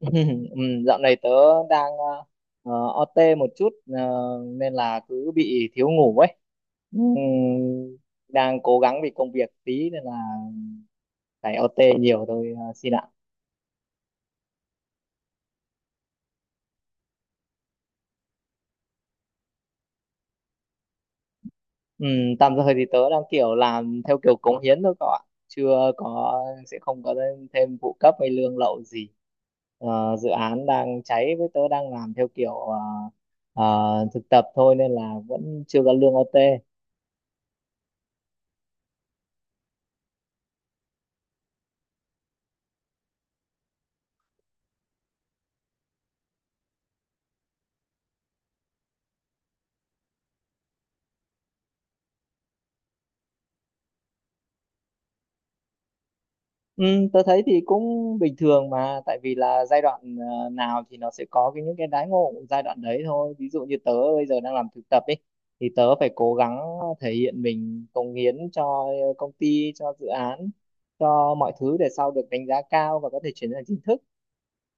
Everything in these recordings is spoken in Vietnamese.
Ừ, dạo này tớ đang ờ, OT một chút, ờ, nên là cứ bị thiếu ngủ ấy. Ừ, đang cố gắng vì công việc tí nên là phải OT nhiều thôi, xin ạ. Ừ, tạm thời thì tớ đang kiểu làm theo kiểu cống hiến thôi các bạn. Chưa có, sẽ không có thêm thêm phụ cấp hay lương lậu gì. Ờ, dự án đang cháy với tớ đang làm theo kiểu thực tập thôi nên là vẫn chưa có lương OT. Ừ, tôi thấy thì cũng bình thường mà tại vì là giai đoạn nào thì nó sẽ có cái những cái đãi ngộ giai đoạn đấy thôi, ví dụ như tớ bây giờ đang làm thực tập ấy thì tớ phải cố gắng thể hiện mình, cống hiến cho công ty, cho dự án, cho mọi thứ để sau được đánh giá cao và có thể chuyển sang chính thức.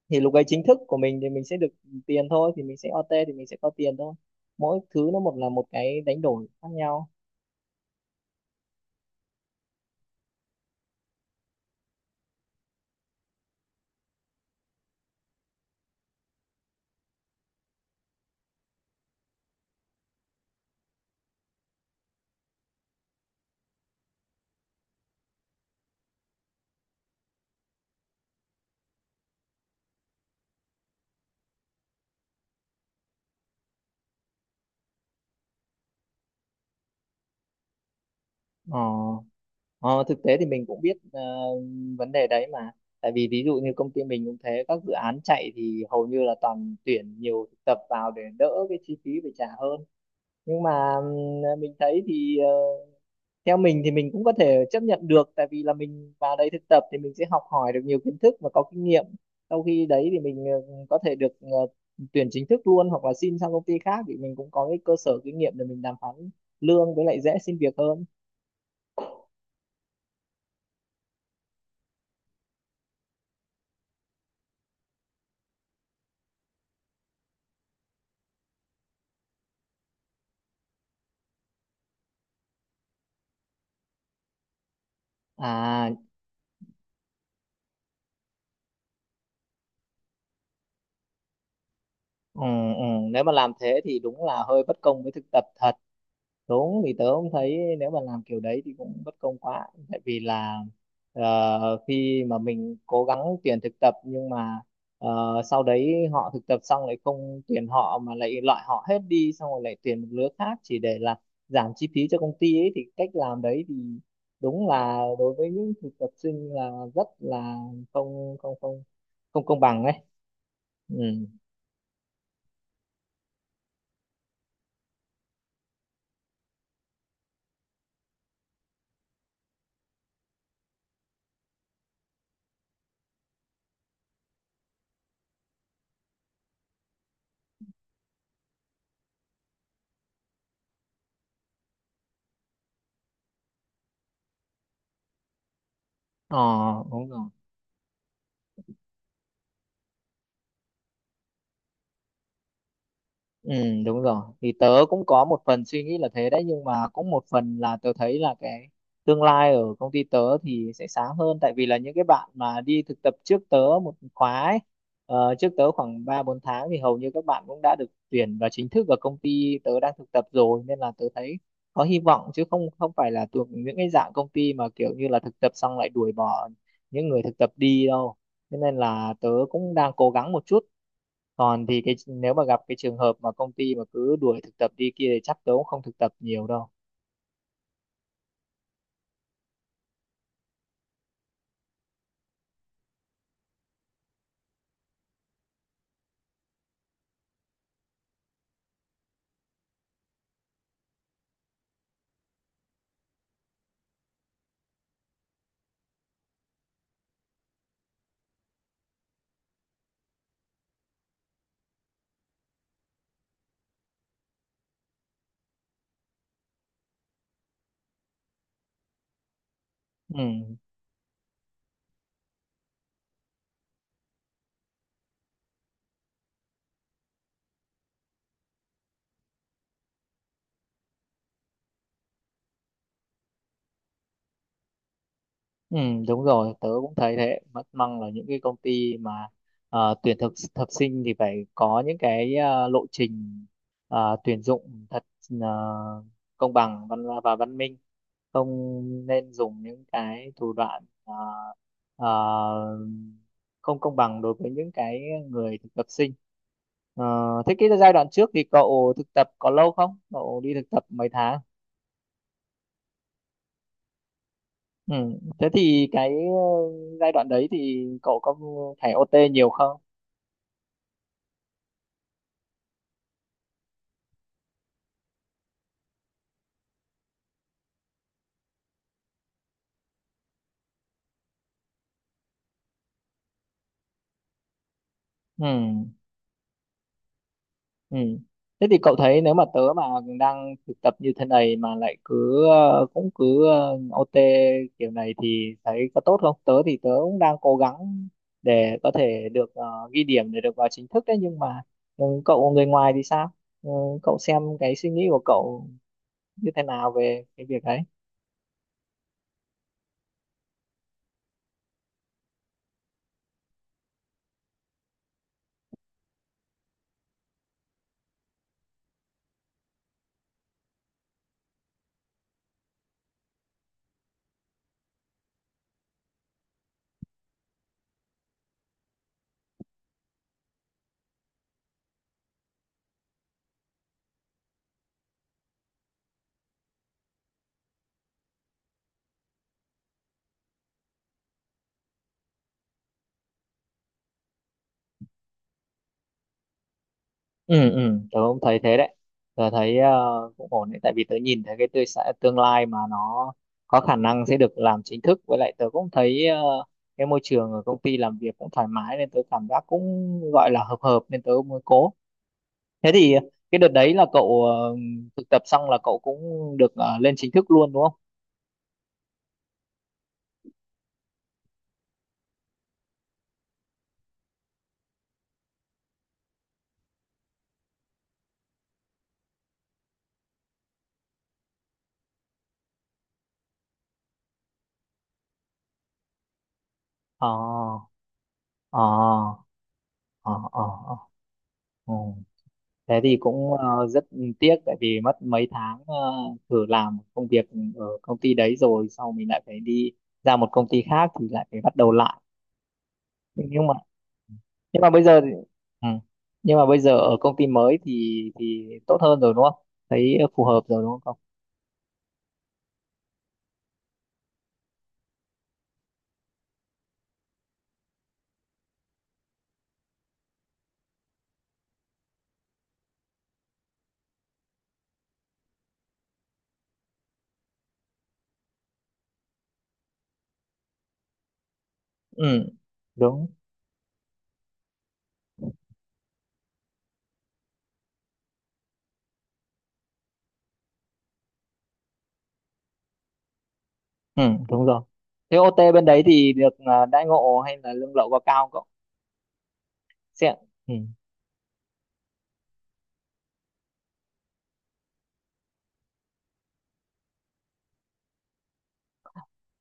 Thì lúc ấy chính thức của mình thì mình sẽ được tiền thôi, thì mình sẽ OT thì mình sẽ có tiền thôi, mỗi thứ nó một là một cái đánh đổi khác nhau. Ờ Ờ, thực tế thì mình cũng biết vấn đề đấy mà, tại vì ví dụ như công ty mình cũng thế, các dự án chạy thì hầu như là toàn tuyển nhiều thực tập vào để đỡ cái chi phí phải trả hơn. Nhưng mà mình thấy thì, theo mình thì mình cũng có thể chấp nhận được tại vì là mình vào đây thực tập thì mình sẽ học hỏi được nhiều kiến thức và có kinh nghiệm. Sau khi đấy thì mình có thể được tuyển chính thức luôn hoặc là xin sang công ty khác thì mình cũng có cái cơ sở kinh nghiệm để mình đàm phán lương, với lại dễ xin việc hơn à. Ừ, ừ. Nếu mà làm thế thì đúng là hơi bất công với thực tập thật. Đúng, thì tớ cũng thấy nếu mà làm kiểu đấy thì cũng bất công quá, tại vì là khi mà mình cố gắng tuyển thực tập nhưng mà ờ, sau đấy họ thực tập xong lại không tuyển họ mà lại loại họ hết đi, xong rồi lại tuyển một lứa khác chỉ để là giảm chi phí cho công ty ấy, thì cách làm đấy thì đúng là đối với những thực tập sinh là rất là không không không không công bằng ấy. Ừ. Ờ, đúng rồi. Ừ, đúng rồi. Thì tớ cũng có một phần suy nghĩ là thế đấy, nhưng mà cũng một phần là tớ thấy là cái tương lai ở công ty tớ thì sẽ sáng hơn, tại vì là những cái bạn mà đi thực tập trước tớ một khóa ấy, trước tớ khoảng 3 4 tháng thì hầu như các bạn cũng đã được tuyển vào chính thức ở công ty tớ đang thực tập rồi, nên là tớ thấy có hy vọng, chứ không không phải là thuộc những cái dạng công ty mà kiểu như là thực tập xong lại đuổi bỏ những người thực tập đi đâu. Thế nên là tớ cũng đang cố gắng một chút, còn thì cái nếu mà gặp cái trường hợp mà công ty mà cứ đuổi thực tập đi kia thì chắc tớ cũng không thực tập nhiều đâu. Ừ. Ừ, đúng rồi, tớ cũng thấy thế. Mất măng là những cái công ty mà tuyển thực thực sinh thì phải có những cái lộ trình tuyển dụng thật ờ, công bằng văn và văn minh, không nên dùng những cái thủ đoạn ờ, không công bằng đối với những cái người thực tập sinh. Ờ, thế cái giai đoạn trước thì cậu thực tập có lâu không? Cậu đi thực tập mấy tháng? Ừ. Thế thì cái giai đoạn đấy thì cậu có phải OT nhiều không? Ừ. Ừ. Thế thì cậu thấy nếu mà tớ mà đang thực tập như thế này mà lại cứ cũng cứ OT kiểu này thì thấy có tốt không? Tớ thì tớ cũng đang cố gắng để có thể được ghi điểm để được vào chính thức đấy, nhưng mà ừ, cậu người ngoài thì sao? Ừ, cậu xem cái suy nghĩ của cậu như thế nào về cái việc đấy? Ừ, ừ, tớ cũng thấy thế đấy. Tớ thấy, cũng ổn đấy, tại vì tớ nhìn thấy cái tươi sẽ tương lai mà nó có khả năng sẽ được làm chính thức, với lại tớ cũng thấy cái môi trường ở công ty làm việc cũng thoải mái nên tớ cảm giác cũng gọi là hợp hợp, nên tớ mới cố. Thế thì cái đợt đấy là cậu thực tập xong là cậu cũng được lên chính thức luôn đúng không? Ờ, ờ, ờ, ờ, ờ, ờ. Thế thì cũng rất tiếc tại vì mất mấy tháng thử làm công việc ở công ty đấy rồi sau mình lại phải đi ra một công ty khác thì lại phải bắt đầu lại. Nhưng mà nhưng mà ừ, nhưng mà bây giờ ở công ty mới thì tốt hơn rồi đúng không? Thấy phù hợp rồi đúng không? Ừ, đúng. Ừ, đúng rồi. Thế OT bên đấy thì được đãi ngộ hay là lương lậu có cao không? Xem. Ừ.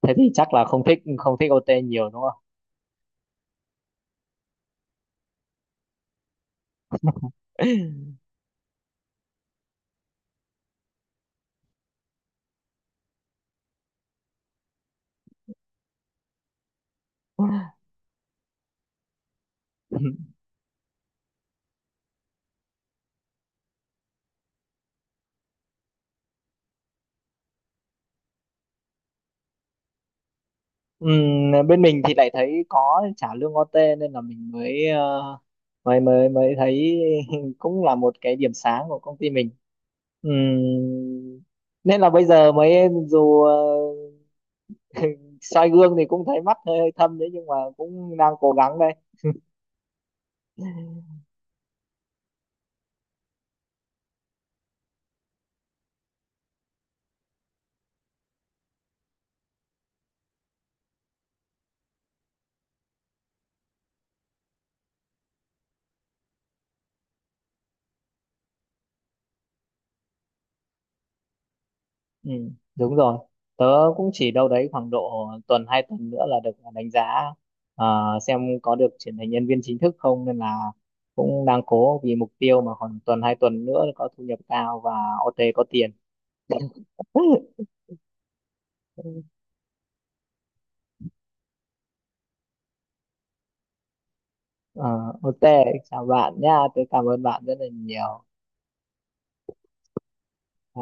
Thế thì chắc là không thích OT nhiều đúng không? Bên mình thì lại thấy có trả lương OT nên là mình mới mới thấy cũng là một cái điểm sáng của công ty mình. Ừm, nên là bây giờ mới dù soi gương thì cũng thấy mắt hơi thâm đấy, nhưng mà cũng đang cố gắng đây. Ừ, đúng rồi. Tớ cũng chỉ đâu đấy khoảng độ tuần 2 tuần nữa là được đánh giá, ờ, xem có được chuyển thành nhân viên chính thức không, nên là cũng đang cố vì mục tiêu mà khoảng tuần 2 tuần nữa có thu nhập cao và OT có tiền. Ờ, OT chào bạn nha, tớ cảm ơn bạn rất là nhiều. Ờ,